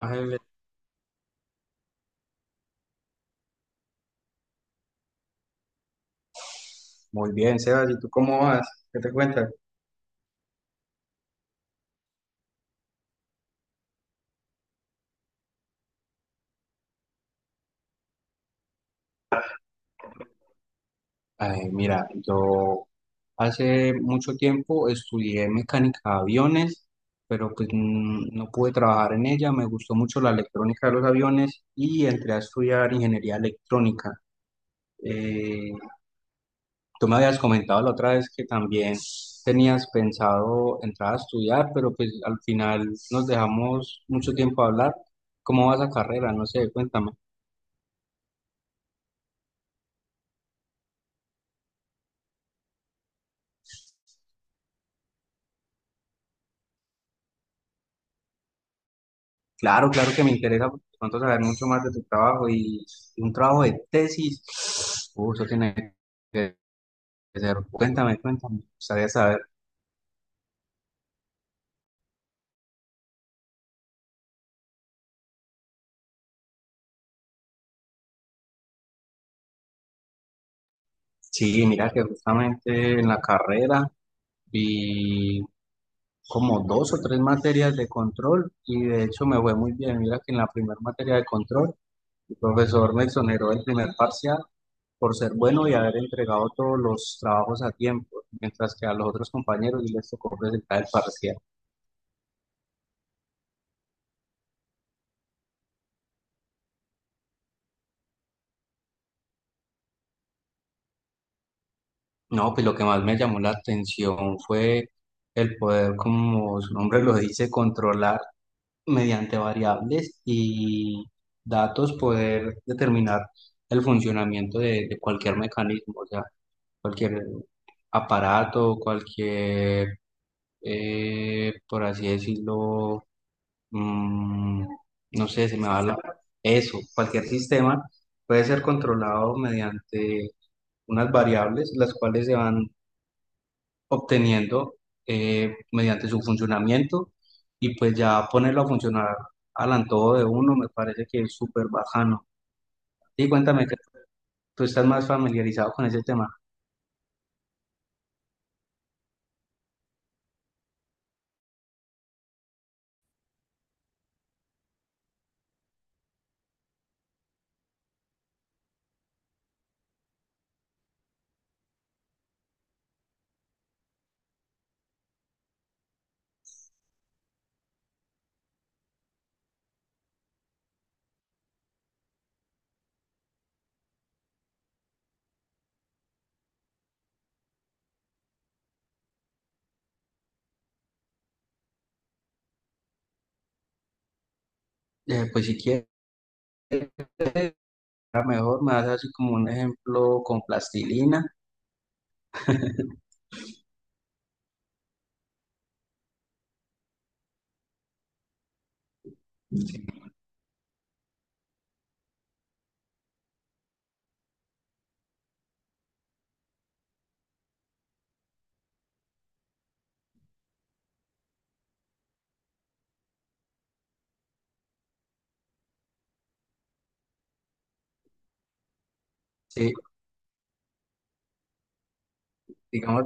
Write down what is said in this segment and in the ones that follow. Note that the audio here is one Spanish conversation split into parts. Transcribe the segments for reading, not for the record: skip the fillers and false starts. Ángeles. Muy bien, Sebas, ¿y tú cómo vas? ¿Qué te cuentas? Ay, mira, yo hace mucho tiempo estudié mecánica de aviones, pero pues no pude trabajar en ella, me gustó mucho la electrónica de los aviones y entré a estudiar ingeniería electrónica. Eh, Tú me habías comentado la otra vez que también tenías pensado entrar a estudiar, pero pues al final nos dejamos mucho tiempo a hablar. ¿Cómo va esa carrera? No sé, cuéntame. Claro, claro que me interesa porque cuánto saber mucho más de tu trabajo y un trabajo de tesis. Eso tiene que ser. Cuéntame, cuéntame. Me gustaría saber. Sí, mira que justamente en la carrera vi como dos o tres materias de control y de hecho me fue muy bien. Mira que en la primera materia de control el profesor me exoneró del primer parcial por ser bueno y haber entregado todos los trabajos a tiempo, mientras que a los otros compañeros sí les tocó presentar el parcial. No, pues lo que más me llamó la atención fue el poder, como su nombre lo dice, controlar mediante variables y datos, poder determinar el funcionamiento de cualquier mecanismo, o sea, cualquier aparato, cualquier, por así decirlo, mm, no sé, se me va la... Eso, cualquier sistema puede ser controlado mediante unas variables, las cuales se van obteniendo mediante su funcionamiento y pues ya ponerlo a funcionar al antojo de uno me parece que es súper bajano. Y cuéntame que tú estás más familiarizado con ese tema. Pues si quieres, mejor me das así como un ejemplo con plastilina. Sí, digamos,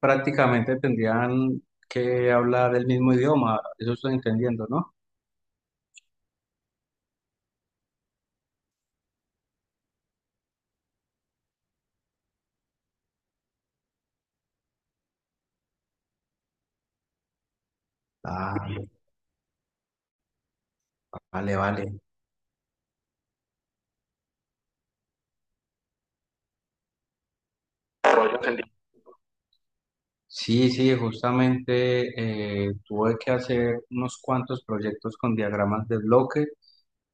prácticamente tendrían que hablar el mismo idioma, eso estoy entendiendo, ¿no? Ah, vale, vale. Sí, sí, justamente tuve que hacer unos cuantos proyectos con diagramas de bloque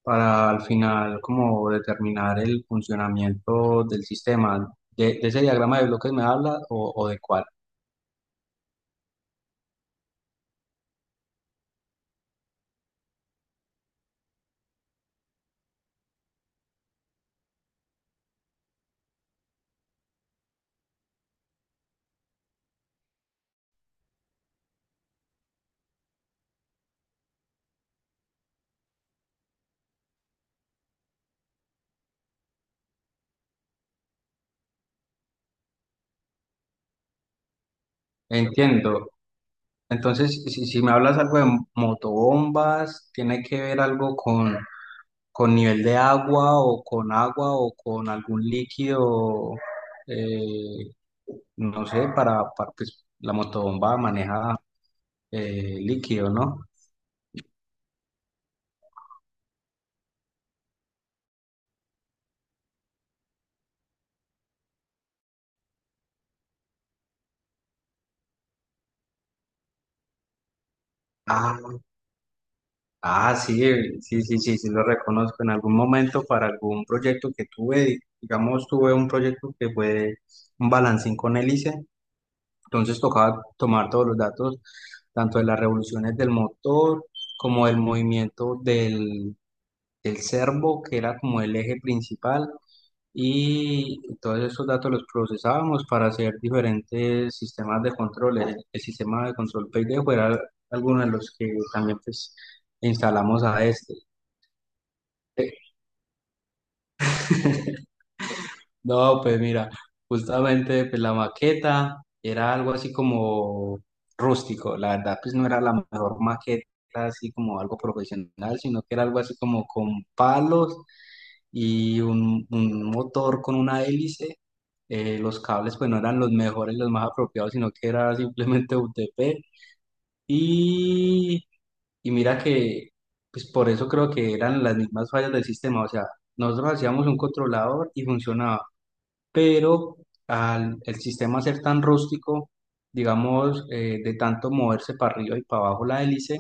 para al final como determinar el funcionamiento del sistema. De ese diagrama de bloques me hablas o de cuál? Entiendo. Entonces, si, si me hablas algo de motobombas, ¿tiene que ver algo con nivel de agua o con algún líquido? eh, no sé, para pues, la motobomba maneja, eh, líquido, ¿no? Ah, ah, sí, sí, sí, sí, sí, lo reconozco. En algún momento para algún proyecto que tuve, digamos, tuve un proyecto que fue un balancín con hélice, entonces tocaba tomar todos los datos, tanto de las revoluciones del motor como del movimiento del, del servo, que era como el eje principal, y todos esos datos los procesábamos para hacer diferentes sistemas de control. El sistema de control Paydejo era alguno de los que también pues, instalamos a este. No, pues mira, justamente pues, la maqueta era algo así como rústico, la verdad pues no era la mejor maqueta así como algo profesional, sino que era algo así como con palos y un motor con una hélice. Los cables pues no eran los mejores, los más apropiados, sino que era simplemente UTP. Y, y mira que pues por eso creo que eran las mismas fallas del sistema. O sea, nosotros hacíamos un controlador y funcionaba, pero al el sistema ser tan rústico, digamos, de tanto moverse para arriba y para abajo la hélice,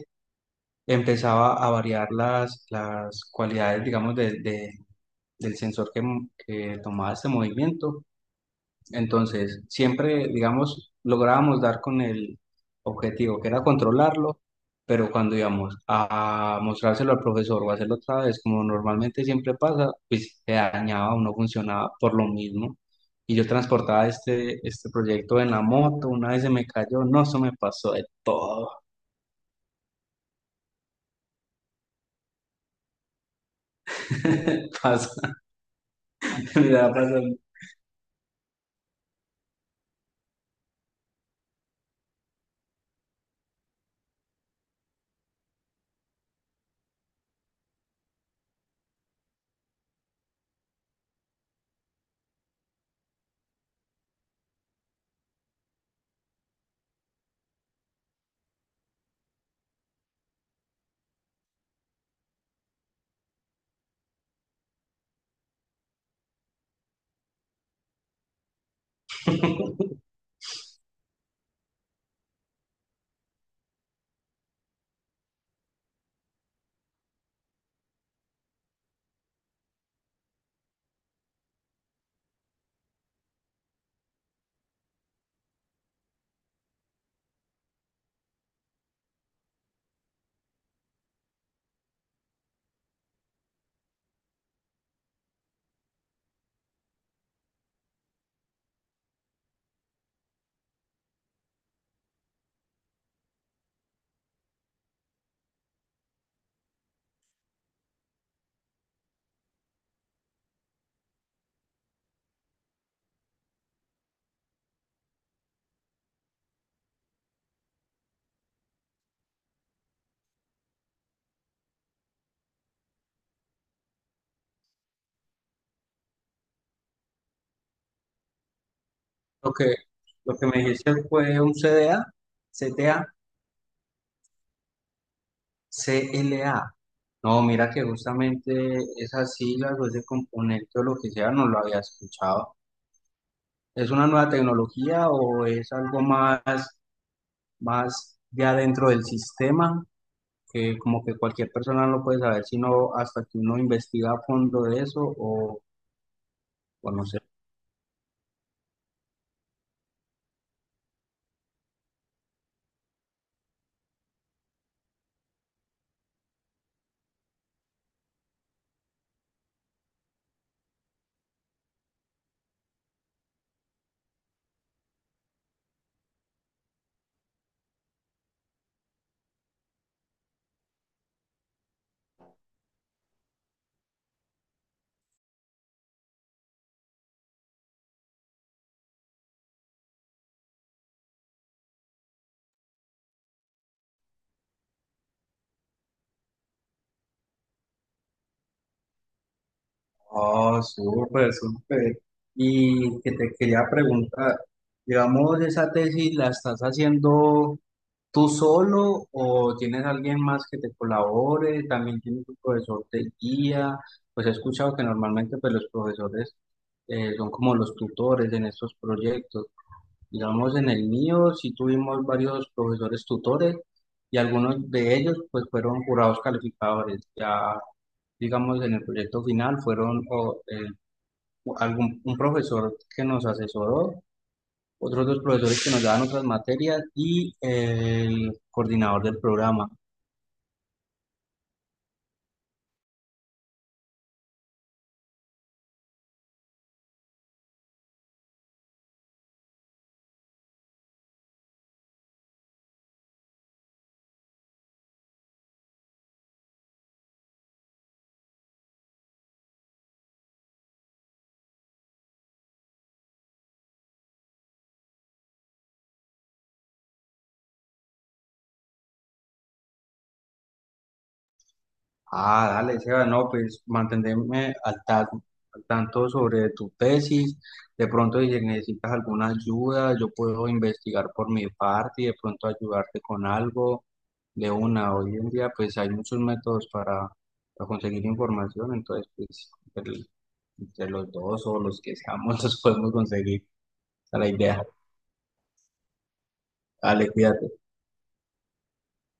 empezaba a variar las cualidades, digamos, del sensor que tomaba este movimiento. Entonces, siempre, digamos, lográbamos dar con el objetivo que era controlarlo, pero cuando íbamos a mostrárselo al profesor o hacerlo otra vez, como normalmente siempre pasa, pues se dañaba o no funcionaba por lo mismo. Y yo transportaba este, este proyecto en la moto, una vez se me cayó, no, eso me pasó de todo. Pasa, mira, pasa. Lo que, lo que me dijiste fue un CDA, CTA. CLA. No, mira que justamente esas siglas o ese componente o lo que sea no lo había escuchado. ¿Es una nueva tecnología o es algo más, más ya dentro del sistema? Que como que cualquier persona no puede saber sino hasta que uno investiga a fondo de eso o no sé. Oh, súper, súper. Y que te quería preguntar, digamos, esa tesis la estás haciendo. ¿Tú solo o tienes alguien más que te colabore? ¿También tienes un profesor de guía? Pues he escuchado que normalmente pues, los profesores, son como los tutores en estos proyectos. Digamos, en el mío sí tuvimos varios profesores tutores y algunos de ellos pues fueron jurados calificadores. Ya, digamos, en el proyecto final fueron o, algún, un profesor que nos asesoró, otros dos profesores que nos daban otras materias y el coordinador del programa. Ah, dale, Seba, no, pues mantenerme al tanto sobre tu tesis. De pronto, si necesitas alguna ayuda, yo puedo investigar por mi parte y de pronto ayudarte con algo de una. Hoy en día, pues hay muchos métodos para conseguir información, entonces, pues entre, entre los dos o los que seamos, los podemos conseguir. Esa es la idea. Dale, cuídate.